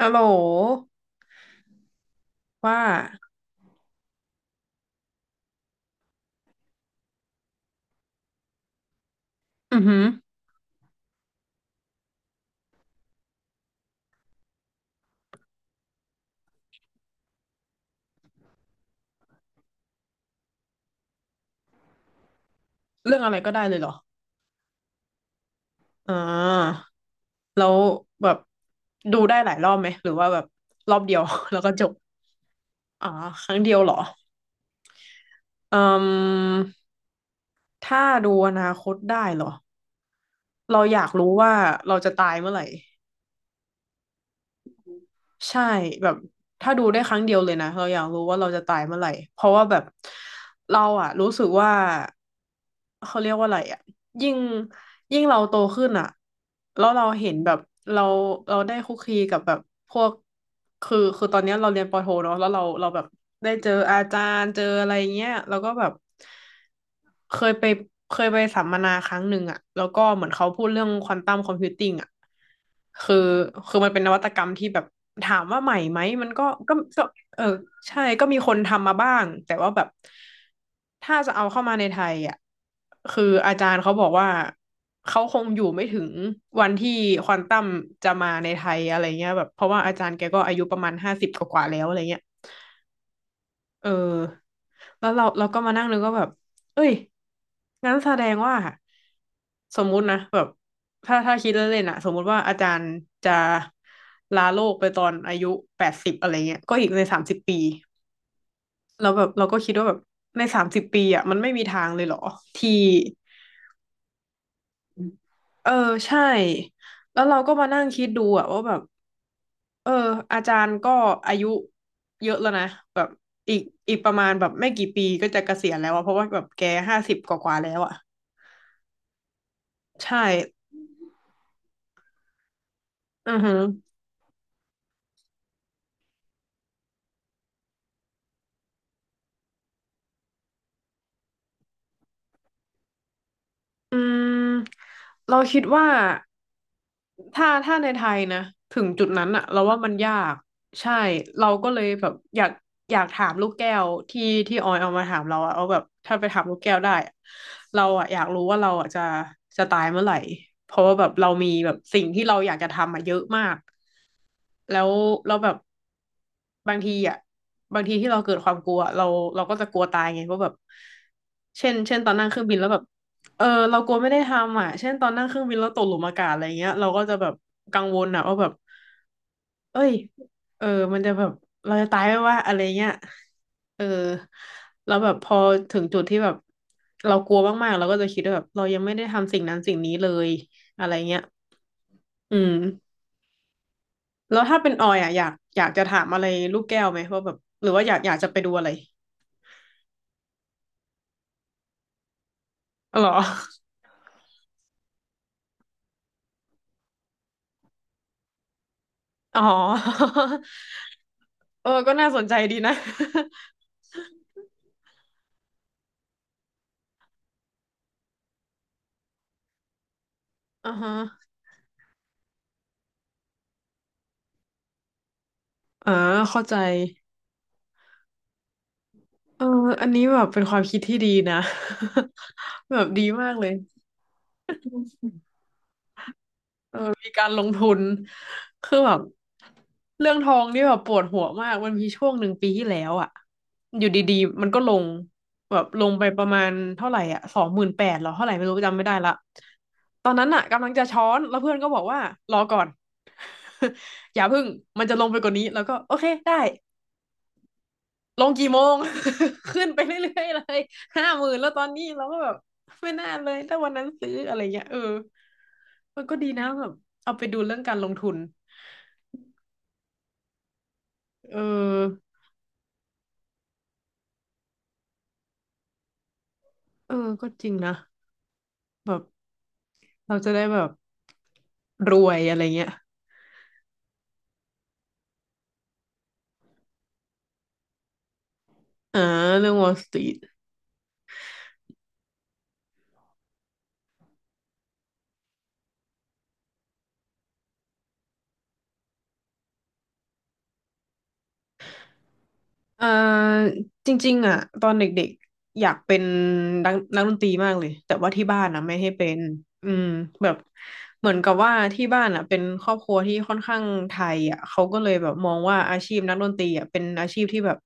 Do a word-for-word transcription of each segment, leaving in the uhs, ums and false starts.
ฮัลโหลว่าอือหือเรื่องอะไรก็ได้เลยเหรออ่าแล้วแบบดูได้หลายรอบไหมหรือว่าแบบรอบเดียว แล้วก็จบอ่าครั้งเดียวเหรออืมถ้าดูอนาคตได้เหรอเราอยากรู้ว่าเราจะตายเมื่อไหร่ ใช่แบบถ้าดูได้ครั้งเดียวเลยนะเราอยากรู้ว่าเราจะตายเมื่อไหร่เพราะว่าแบบเราอะรู้สึกว่าเขาเรียกว่าอะไรอะยิ่งยิ่งเราโตขึ้นอะแล้วเราเห็นแบบเราเราได้คุกคีกับแบบพวกคือคือตอนเนี้ยเราเรียนปอโทเนาะแล้วเราเราแบบได้เจออาจารย์เจออะไรเงี้ยแล้วก็แบบ เคยไปเคยไปสัมมนาครั้งหนึ่งอะแล้วก็เหมือนเขาพูดเรื่องควอนตัมคอมพิวติ้งอะคือคือมันเป็นนวัตกรรมที่แบบถามว่าใหม่ไหมมันก็ก็ก็เออใช่ก็มีคนทำมาบ้างแต่ว่าแบบถ้าจะเอาเข้ามาในไทยอะคืออาจารย์เขาบอกว่าเขาคงอยู่ไม่ถึงวันที่ควอนตัมจะมาในไทยอะไรเงี้ยแบบเพราะว่าอาจารย์แกก็อายุประมาณห้าสิบกว่าๆแล้วอะไรเงี้ย เออแล้วเราเราก็มานั่งนึกว่าแบบเอ้ยงั้นแสดงว่าสมมุตินะแบบถ้าถ้าคิดเล่นๆอะสมมุติว่าอาจารย์จะลาโลกไปตอนอายุแปดสิบอะไรเงี้ยก็อีกในสามสิบปีเราแล้วบบเราก็คิดว่าแบบในสามสิบปีอะมันไม่มีทางเลยเหรอที่เออใช่แล้วเราก็มานั่งคิดดูอะว่าแบบ เอออาจารย์ก็อายุเยอะแล้วนะแบบอีกอีกประมาณแบบไม่กี่ปีก็จะเกษียณแล้วอะเพราะว่าแบบแกห้าสิบกว่าๆแล้วอะใช่อือฮึอืมเราคิดว่าถ้าถ้าในไทยนะถึงจุดนั้นอะเราว่ามันยากใช่เราก็เลยแบบอยากอยากถามลูกแก้วที่ที่ออยเอามาถามเราอะเอาแบบถ้าไปถามลูกแก้วได้อะเราอะอยากรู้ว่าเราอะจะจะตายเมื่อไหร่เพราะว่าแบบเรามีแบบสิ่งที่เราอยากจะทำอะเยอะมาก แล้วเราแบบบางทีอ่ะบางทีที่เราเกิดความกลัวเราเราก็จะกลัวตายไงว่าแบบเช่นเช่นตอนนั่งเครื่องบินแล้วแบบเออเรากลัวไม่ได้ทำอ่ะเช่นตอนนั่งเครื่องบินแล้วตกหลุมอากาศอะไรเงี้ยเราก็จะแบบกังวลอ่ะว่าแบบเอ้ยเออมันจะแบบเราจะตายไหมวะอะไรเงี้ยเออแล้วแบบพอถึงจุดที่แบบเรากลัวมากๆเราก็จะคิดว่าแบบเรายังไม่ได้ทำสิ่งนั้นสิ่งนี้เลยอะไรเงี้ยอืม แล้วถ้าเป็นออยอ่ะอยากอยากจะถามอะไรลูกแก้วไหมว่าแบบหรือว่าอยากอยากจะไปดูอะไรอ๋อเหรอ อ๋อ เออก็น่าสนใจดีนะ อ่าฮะอ่าเข้าใจเอออันนี้แบบเป็นความคิดที่ดีนะ แบบดีมากเลย มีการลงทุนคือแบบเรื่องทองนี่แบบปวดหัวมากมันมีช่วงหนึ่งปีที่แล้วอะอยู่ดีๆมันก็ลงแบบลงไปประมาณเท่าไหร่อ่ะสองหมื่นแปดหรอเท่าไหร่ไม่รู้จำไม่ได้ละตอนนั้นอะกำลังจะช้อนแล้วเพื่อนก็บอกว่ารอก่อน อย่าพึ่งมันจะลงไปกว่านี้แล้วก็โอเคได้ ลงกี่โมง ขึ้นไปเรื่อยๆเลยห้าหมื่นแล้วตอนนี้เราก็แบบไม่น่าเลยถ้าวันนั้นซื้ออะไรเงี้ยเออมันก็ดีนะแบบเอาไปดูเรื่องการลงทุนเออเออก็จริงนะแบบเราจะได้แบบรวยอะไรเงี้ยอ่าเรื่อง Wall Street เอ่อจริงๆอ่ะตอนเด็กๆอยากเป็นนักนักดนตรีมากเลยแต่ว่าที่บ้านนะไม่ให้เป็นอืมแบบเหมือนกับว่าที่บ้านอ่ะเป็นครอบครัวที่ค่อนข้างไทยอ่ะเขาก็เลยแบบมองว่าอาชีพนักดนตรีอ่ะเป็นอาชีพที่แบบ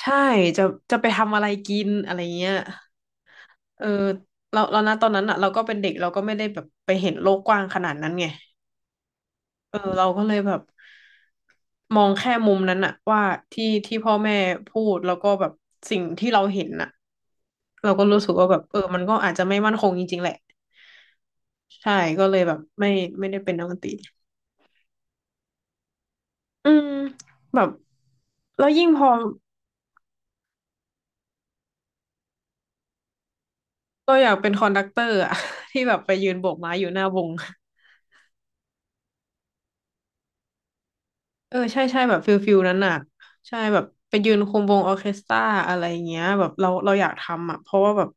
ใช่จะจะไปทำอะไรกินอะไรเงี้ยเออเราเรานะตอนนั้นอ่ะเราก็เป็นเด็กเราก็ไม่ได้แบบไปเห็นโลกกว้างขนาดนั้นไง เออเราก็เลยแบบมองแค่มุมนั้นอะว่าที่ที่พ่อแม่พูดแล้วก็แบบสิ่งที่เราเห็นอะเราก็รู้สึกว่าแบบเออมันก็อาจจะไม่มั่นคงจริงๆแหละใช่ก็เลยแบบไม่ไม่ได้เป็นนักดนตรีอืมแบบแล้วยิ่งพอเราอยากเป็นคอนดักเตอร์อะ ที่แบบไปยืนโบกไม้อยู่หน้าวง เออใช่ใช่แบบฟิลฟิลนั้นน่ะใช่แบบไปยืนคุมวงออร์เคสตราอะไรเงี้ยแบบเราเราอยากทำอ่ะเพราะว่าแบบ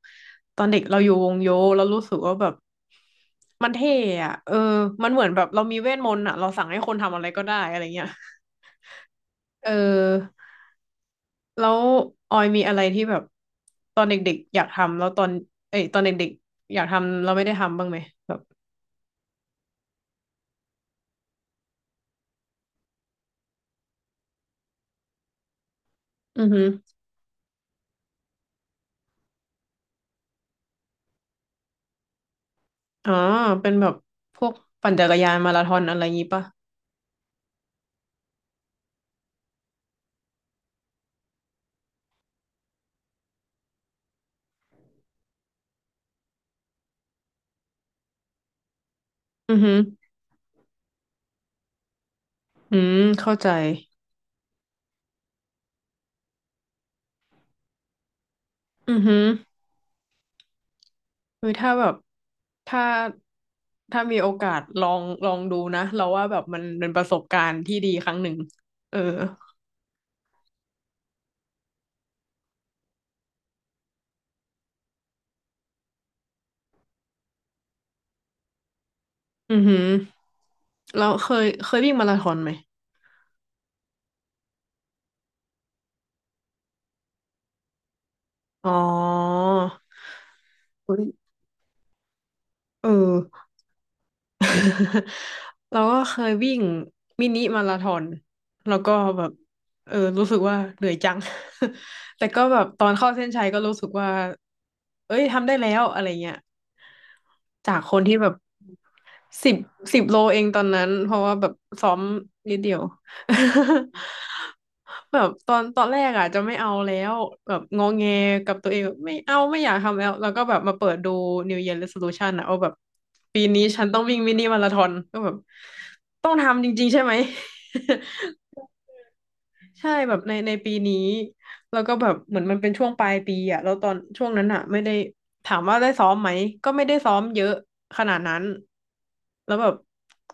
ตอนเด็กเราอยู่วงโยเรารู้สึกว่าแบบมันเท่อ่ะเออมันเหมือนแบบเรามีเวทมนต์อ่ะเราสั่งให้คนทำอะไรก็ได้อะไรเงี้ยเออแล้วออยมีอะไรที่แบบตอนเด็กๆอยากทำแล้วตอนเอ้ยตอนเด็กๆอยากทำเราไม่ได้ทำบ้างไหมแบบอือฮึอ๋อเป็นแบบพวกปั่นจักรยานมาราธอนอะไรงี้ป่ะอือฮึอืมเข้าใจ อือหือคือถ้าแบบถ้าถ้ามีโอกาสลองลองดูนะเราว่าแบบมันเป็นประสบการณ์ที่ดีครั้งหนึ่งเอออือหือเราเคยเคยวิ่งมาราธอนไหมอ๋อเยเออ เราก็เคยวิ่งมินิมาราธอนแล้วก็แบบเออรู้สึกว่าเหนื่อยจัง แต่ก็แบบตอนเข้าเส้นชัยก็รู้สึกว่าเอ้ยทำได้แล้วอะไรเงี้ย จากคนที่แบบสิบสิบโลเองตอนนั้นเพราะว่าแบบซ้อมนิดเดียว แบบตอนตอนแรกอ่ะจะไม่เอาแล้วแบบงอแงกับตัวเองแบบไม่เอาไม่อยากทำแล้วแล้วก็แบบมาเปิดดู นิว เยียร์ เรโซลูชัน อ่ะเอาแบบปีนี้ฉันต้องวิ่งมินิมาราธอนก็แบบต้องทำจริงๆใช่ไหม ใช่แบบในในปีนี้แล้วก็แบบเหมือนมันเป็นช่วงปลายปีอ่ะแล้วตอนช่วงนั้นอ่ะไม่ได้ถามว่าได้ซ้อมไหมก็ไม่ได้ซ้อมเยอะขนาดนั้นแล้วแบบ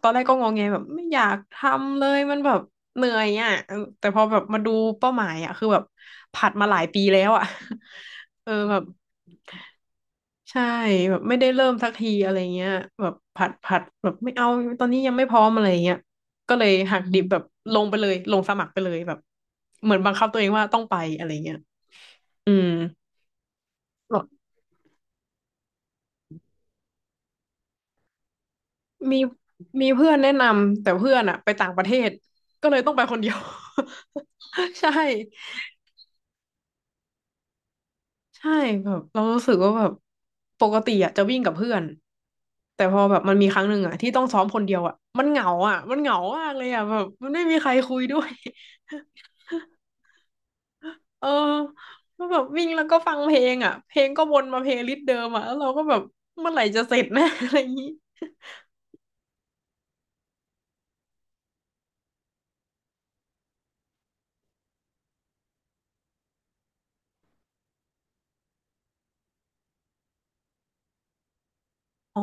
ตอนแรกก็งงไงแบบไม่อยากทำเลยมันแบบเหนื่อยอ่ะเออแต่พอแบบมาดูเป้าหมายอ่ะคือแบบผัดมาหลายปีแล้วอ่ะ เออแบบ ใช่แบบไม่ได้เริ่มสักทีอะไรเงี้ยแบบผัดผัดแบบไม่เอาตอนนี้ยังไม่พร้อมอะไรเงี้ยก็เลยหักดิบแบบลงไปเลยลงสมัครไปเลยแบบเหมือนบังคับตัวเองว่าต้องไปอะไรเงี้ยอืมแบบมีมีเพื่อนแนะนำแต่เพื่อนอะไปต่างประเทศก็เลยต้องไปคนเดียว ใช่ ใช่แบบเรารู้สึกว่าแบบปกติอะจะวิ่งกับเพื่อนแต่พอแบบมันมีครั้งหนึ่งอะที่ต้องซ้อมคนเดียวอะมันเหงาอะมันเหงามากเลยอะแบบมันไม่มีใครคุยด้วย เออแล้วแบบวิ่งแล้วก็ฟังเพลงอะเพลงก็วนมาเพลย์ลิสต์เดิมอะแล้วเราก็แบบเมื่อไหร่จะเสร็จนะ อะไรอย่างนี้อ๋อ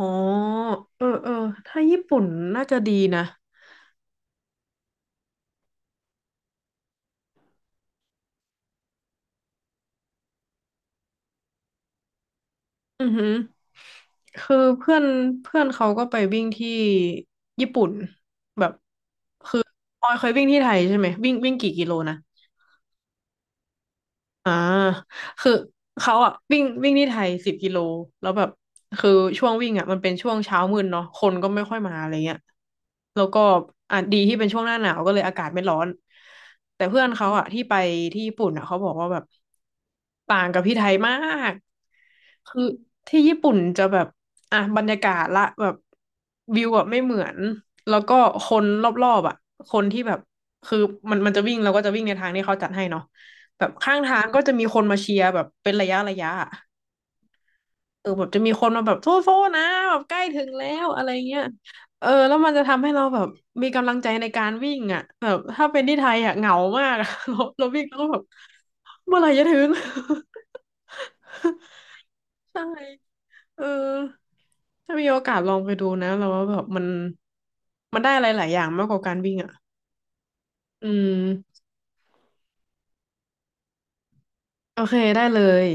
เออเออถ้าญี่ปุ่นน่าจะดีนะ อือหือคือเพื่อนเพื่อนเขาก็ไปวิ่งที่ญี่ปุ่นแบบคือออยเคยวิ่งที่ไทยใช่ไหม วิ่งวิ่งกี่กิโลนะ อ่าคือเขาอ่ะวิ่งวิ่งที่ไทยสิบกิโลแล้วแบบคือช่วงวิ่งอ่ะมันเป็นช่วงเช้ามืดเนาะคนก็ไม่ค่อยมาอะไรเงี้ยแล้วก็อ่ะดีที่เป็นช่วงหน้าหนาวก็เลยอากาศไม่ร้อนแต่เพื่อนเขาอ่ะที่ไปที่ญี่ปุ่นอ่ะเขาบอกว่าแบบต่างกับที่ไทยมากคือที่ญี่ปุ่นจะแบบอ่ะบรรยากาศละแบบวิวแบบไม่เหมือนแล้วก็คนรอบๆอ่ะคนที่แบบคือมันมันจะวิ่งเราก็จะวิ่งในทางที่เขาจัดให้เนาะ แบบข้างทางก็จะมีคนมาเชียร์แบบเป็นระยะระยะอะเออแบบจะมีคนมาแบบโทษโทษนะแบบใกล้ถึงแล้วอะไรเงี้ยเออแล้วมันจะทำให้เราแบบมีกำลังใจในการวิ่งอ่ะแบบถ้าเป็นที่ไทยอ่ะเหงามากอะ เราเราวิ่งแล้วก็แบบเมื่อไหร่จะถึง ใช่เออถ้ามีโอกาสลองไปดูนะเราว่าแบบมันมันได้อะไรหลายอย่างมากกว่าการวิ่งอ่ะอืมโอเคได้เลย